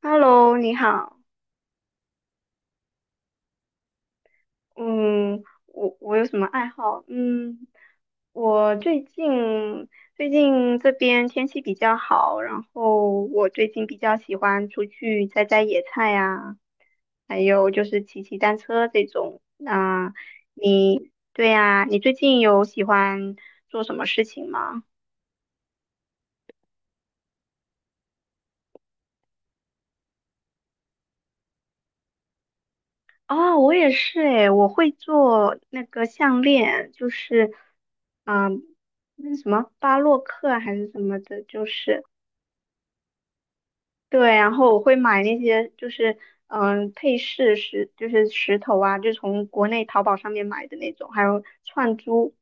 Hello，你好。嗯，我有什么爱好？嗯，我最近这边天气比较好，然后我最近比较喜欢出去摘摘野菜呀，还有就是骑骑单车这种。对呀，你最近有喜欢做什么事情吗？哦，我也是诶，我会做那个项链，就是，嗯，那什么巴洛克啊还是什么的，就是对，然后我会买那些就是配饰石，就是石头啊，就从国内淘宝上面买的那种，还有串珠，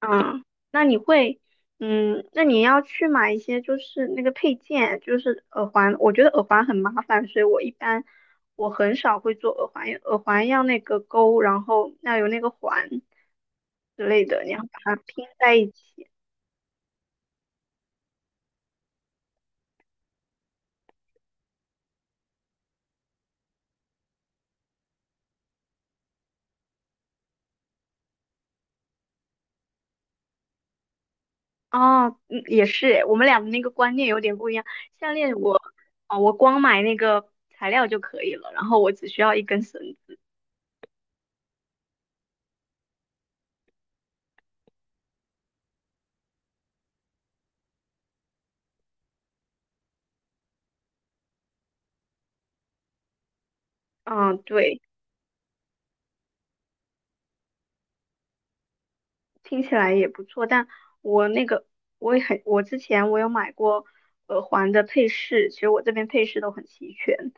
嗯，那你会，那你要去买一些就是那个配件，就是耳环。我觉得耳环很麻烦，所以我一般我很少会做耳环，因为耳环要那个钩，然后要有那个环之类的，你要把它拼在一起。哦，也是诶我们俩的那个观念有点不一样。项链，我光买那个材料就可以了，然后我只需要一根绳子嗯，对。听起来也不错，但我那个我也很，我之前我有买过耳环的配饰，其实我这边配饰都很齐全，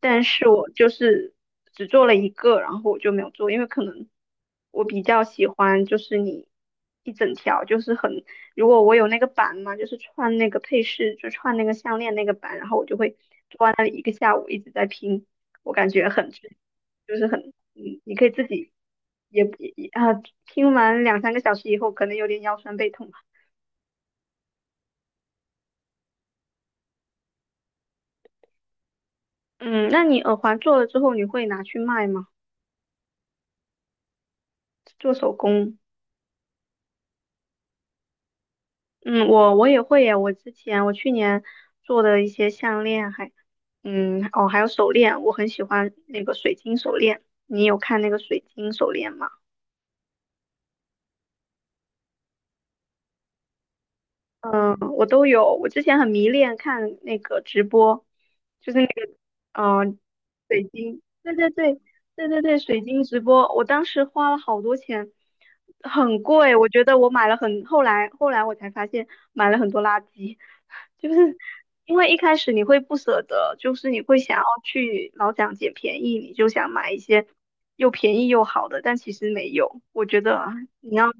但是我就是只做了一个，然后我就没有做，因为可能我比较喜欢就是你一整条，就是很，如果我有那个板嘛，就是串那个配饰，就串那个项链那个板，然后我就会坐在那里一个下午一直在拼，我感觉很。就是很，你可以自己也啊，听完两三个小时以后，可能有点腰酸背痛吧。嗯，那你耳环做了之后，你会拿去卖吗？做手工？嗯，我也会呀。我之前我去年做的一些项链哦，还有手链，我很喜欢那个水晶手链。你有看那个水晶手链吗？我都有。我之前很迷恋看那个直播，就是那个嗯、呃水晶，对对对对对对，水晶直播。我当时花了好多钱，很贵。我觉得我买了很，后来我才发现买了很多垃圾，就是因为一开始你会不舍得，就是你会想要去老想捡便宜，你就想买一些又便宜又好的，但其实没有。我觉得啊你要买，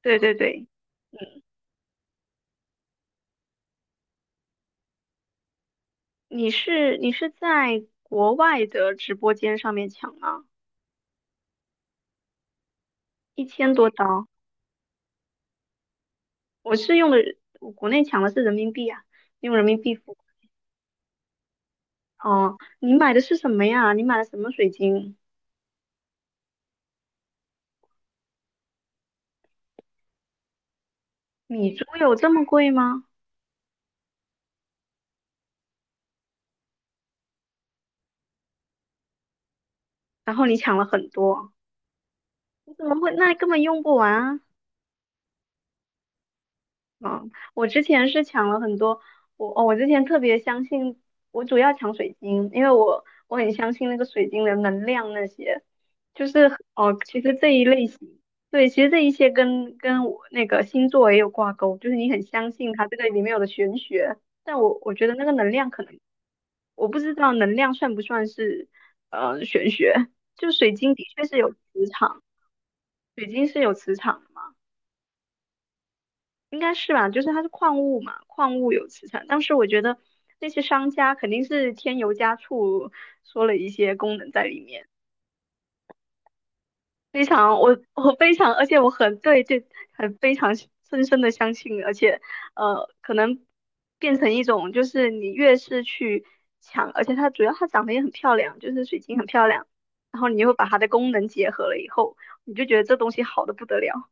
对对对。你是在国外的直播间上面抢吗？1000多刀，我是用的我国内抢的是人民币啊，用人民币付。哦，你买的是什么呀？你买的什么水晶？米珠有这么贵吗？然后你抢了很多，你怎么会？那根本用不完啊！嗯，我之前是抢了很多，我之前特别相信，我主要抢水晶，因为我很相信那个水晶的能量那些，就是哦，其实这一类型，对，其实这一些跟我那个星座也有挂钩，就是你很相信它这个里面有的玄学，但我觉得那个能量可能，我不知道能量算不算是玄学，就水晶的确是有磁场，水晶是有磁场。应该是吧，就是它是矿物嘛，矿物有磁场。当时我觉得那些商家肯定是添油加醋，说了一些功能在里面。非常，我非常，而且我很对这很非常深深的相信，而且可能变成一种就是你越是去抢，而且它主要它长得也很漂亮，就是水晶很漂亮，然后你又把它的功能结合了以后，你就觉得这东西好的不得了。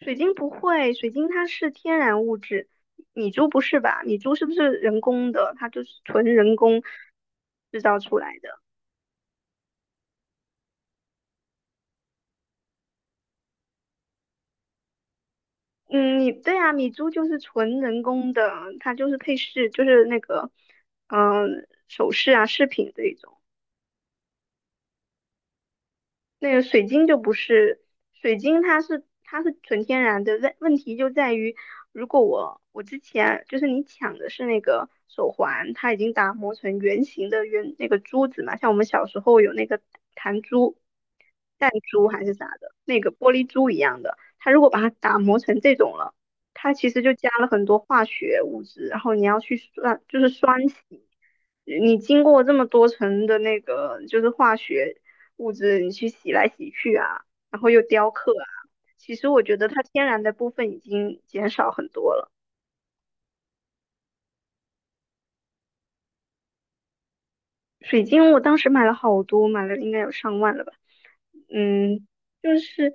水晶不会，水晶它是天然物质，米珠不是吧？米珠是不是人工的？它就是纯人工制造出来的。嗯，你对啊，米珠就是纯人工的，它就是配饰，就是那个首饰啊饰品这一种。那个水晶就不是，水晶它是纯天然的，问题就在于，如果我之前就是你抢的是那个手环，它已经打磨成圆形的圆那个珠子嘛，像我们小时候有那个弹珠、弹珠还是啥的，那个玻璃珠一样的，它如果把它打磨成这种了，它其实就加了很多化学物质，然后你要去酸，就是酸洗。你经过这么多层的那个就是化学物质，你去洗来洗去啊，然后又雕刻啊，其实我觉得它天然的部分已经减少很多了。水晶我当时买了好多，买了应该有上万了吧。嗯，就是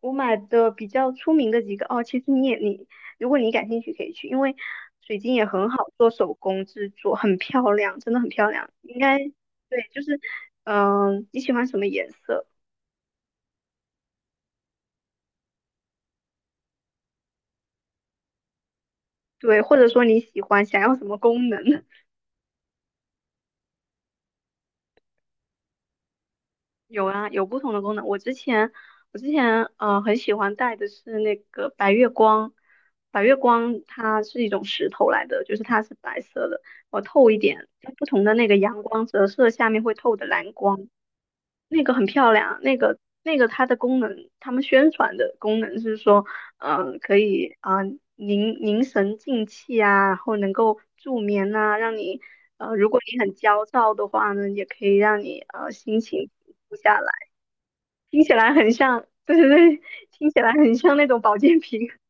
我买的比较出名的几个哦，其实你也你，如果你感兴趣可以去，因为水晶也很好做手工制作，很漂亮，真的很漂亮。应该对，就是你喜欢什么颜色？对，或者说你喜欢想要什么功能？有啊，有不同的功能。我之前很喜欢戴的是那个白月光，白月光它是一种石头来的，就是它是白色的，我透一点，就不同的那个阳光折射下面会透的蓝光，那个很漂亮。那个它的功能，他们宣传的功能是说，可以啊、凝神静气啊，然后能够助眠呐、让你如果你很焦躁的话呢，也可以让你心情。不下来，听起来很像，对对对，听起来很像那种保健品。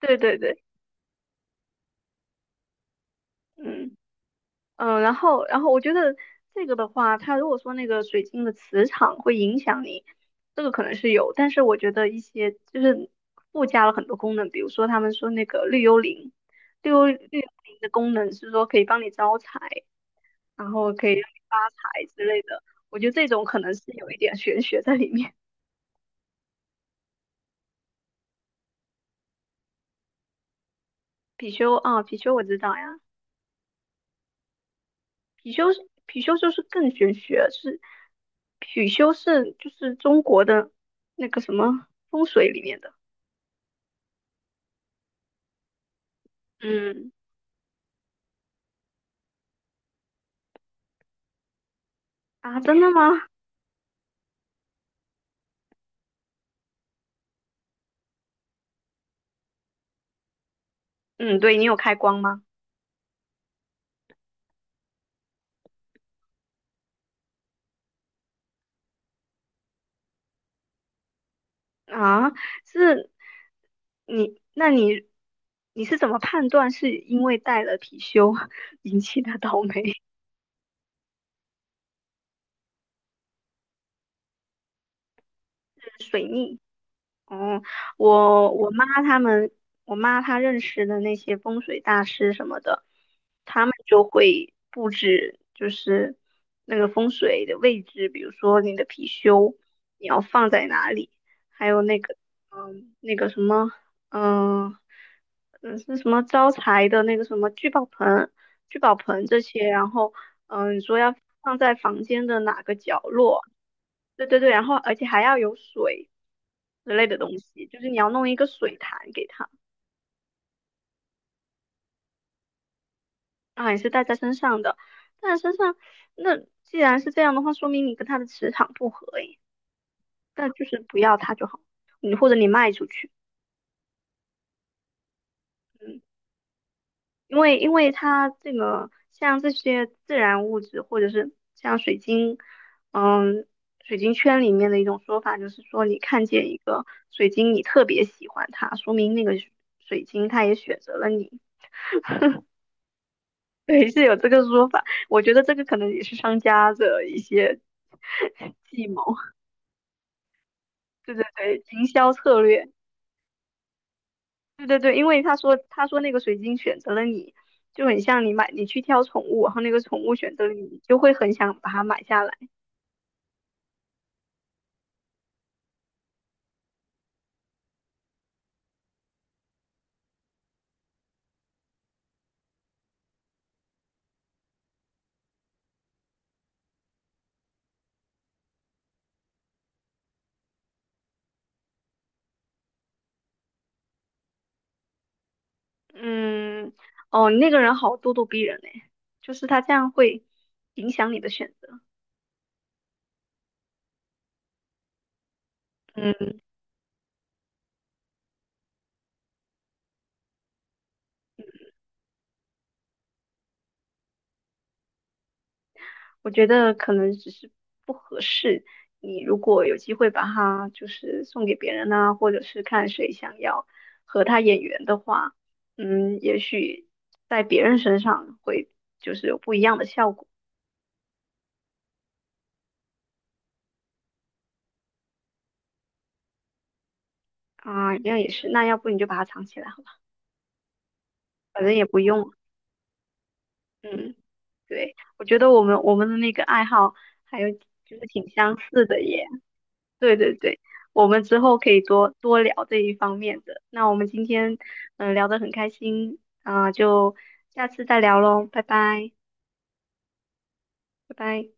对对对，嗯嗯，然后我觉得这个的话，它如果说那个水晶的磁场会影响你，这个可能是有，但是我觉得一些就是附加了很多功能，比如说他们说那个绿幽灵，绿幽灵的功能是说可以帮你招财，然后可以让你发财之类的，我觉得这种可能是有一点玄学在里面。貔貅啊，貔貅我知道呀。貔貅是貔貅就是更玄学，是貔貅是就是中国的那个什么风水里面的。嗯啊，真的吗？嗯，对你有开光吗？啊，是你，那你你是怎么判断是因为带了貔貅 引起的倒霉 水逆？哦，我妈他们，我妈她认识的那些风水大师什么的，他们就会布置，就是那个风水的位置，比如说你的貔貅你要放在哪里，还有那个，那个什么，嗯，是什么招财的那个什么聚宝盆这些，然后，你说要放在房间的哪个角落？对对对，然后而且还要有水。之类的东西，就是你要弄一个水潭给它，啊，也是带在身上的，带在身上，那既然是这样的话，说明你跟它的磁场不合诶，那就是不要它就好，或者你卖出去，嗯，因为它这个像这些自然物质或者是像水晶，嗯，水晶圈里面的一种说法就是说，你看见一个水晶，你特别喜欢它，说明那个水晶它也选择了你。对，是有这个说法。我觉得这个可能也是商家的一些 计谋，对对对，营销策略，对对对。因为他说那个水晶选择了你，就很像你去挑宠物，然后那个宠物选择了你，你就会很想把它买下来。嗯，哦，那个人好咄咄逼人嘞，就是他这样会影响你的选择。嗯，我觉得可能只是不合适。你如果有机会把它就是送给别人呐，或者是看谁想要和他眼缘的话，也许在别人身上会就是有不一样的效果啊。这样也是，那要不你就把它藏起来好吧，反正也不用。嗯，对，我觉得我们的那个爱好还有就是挺相似的耶。对对对，我们之后可以多多聊这一方面的。那我们今天聊得很开心啊、就下次再聊喽，拜拜，拜拜。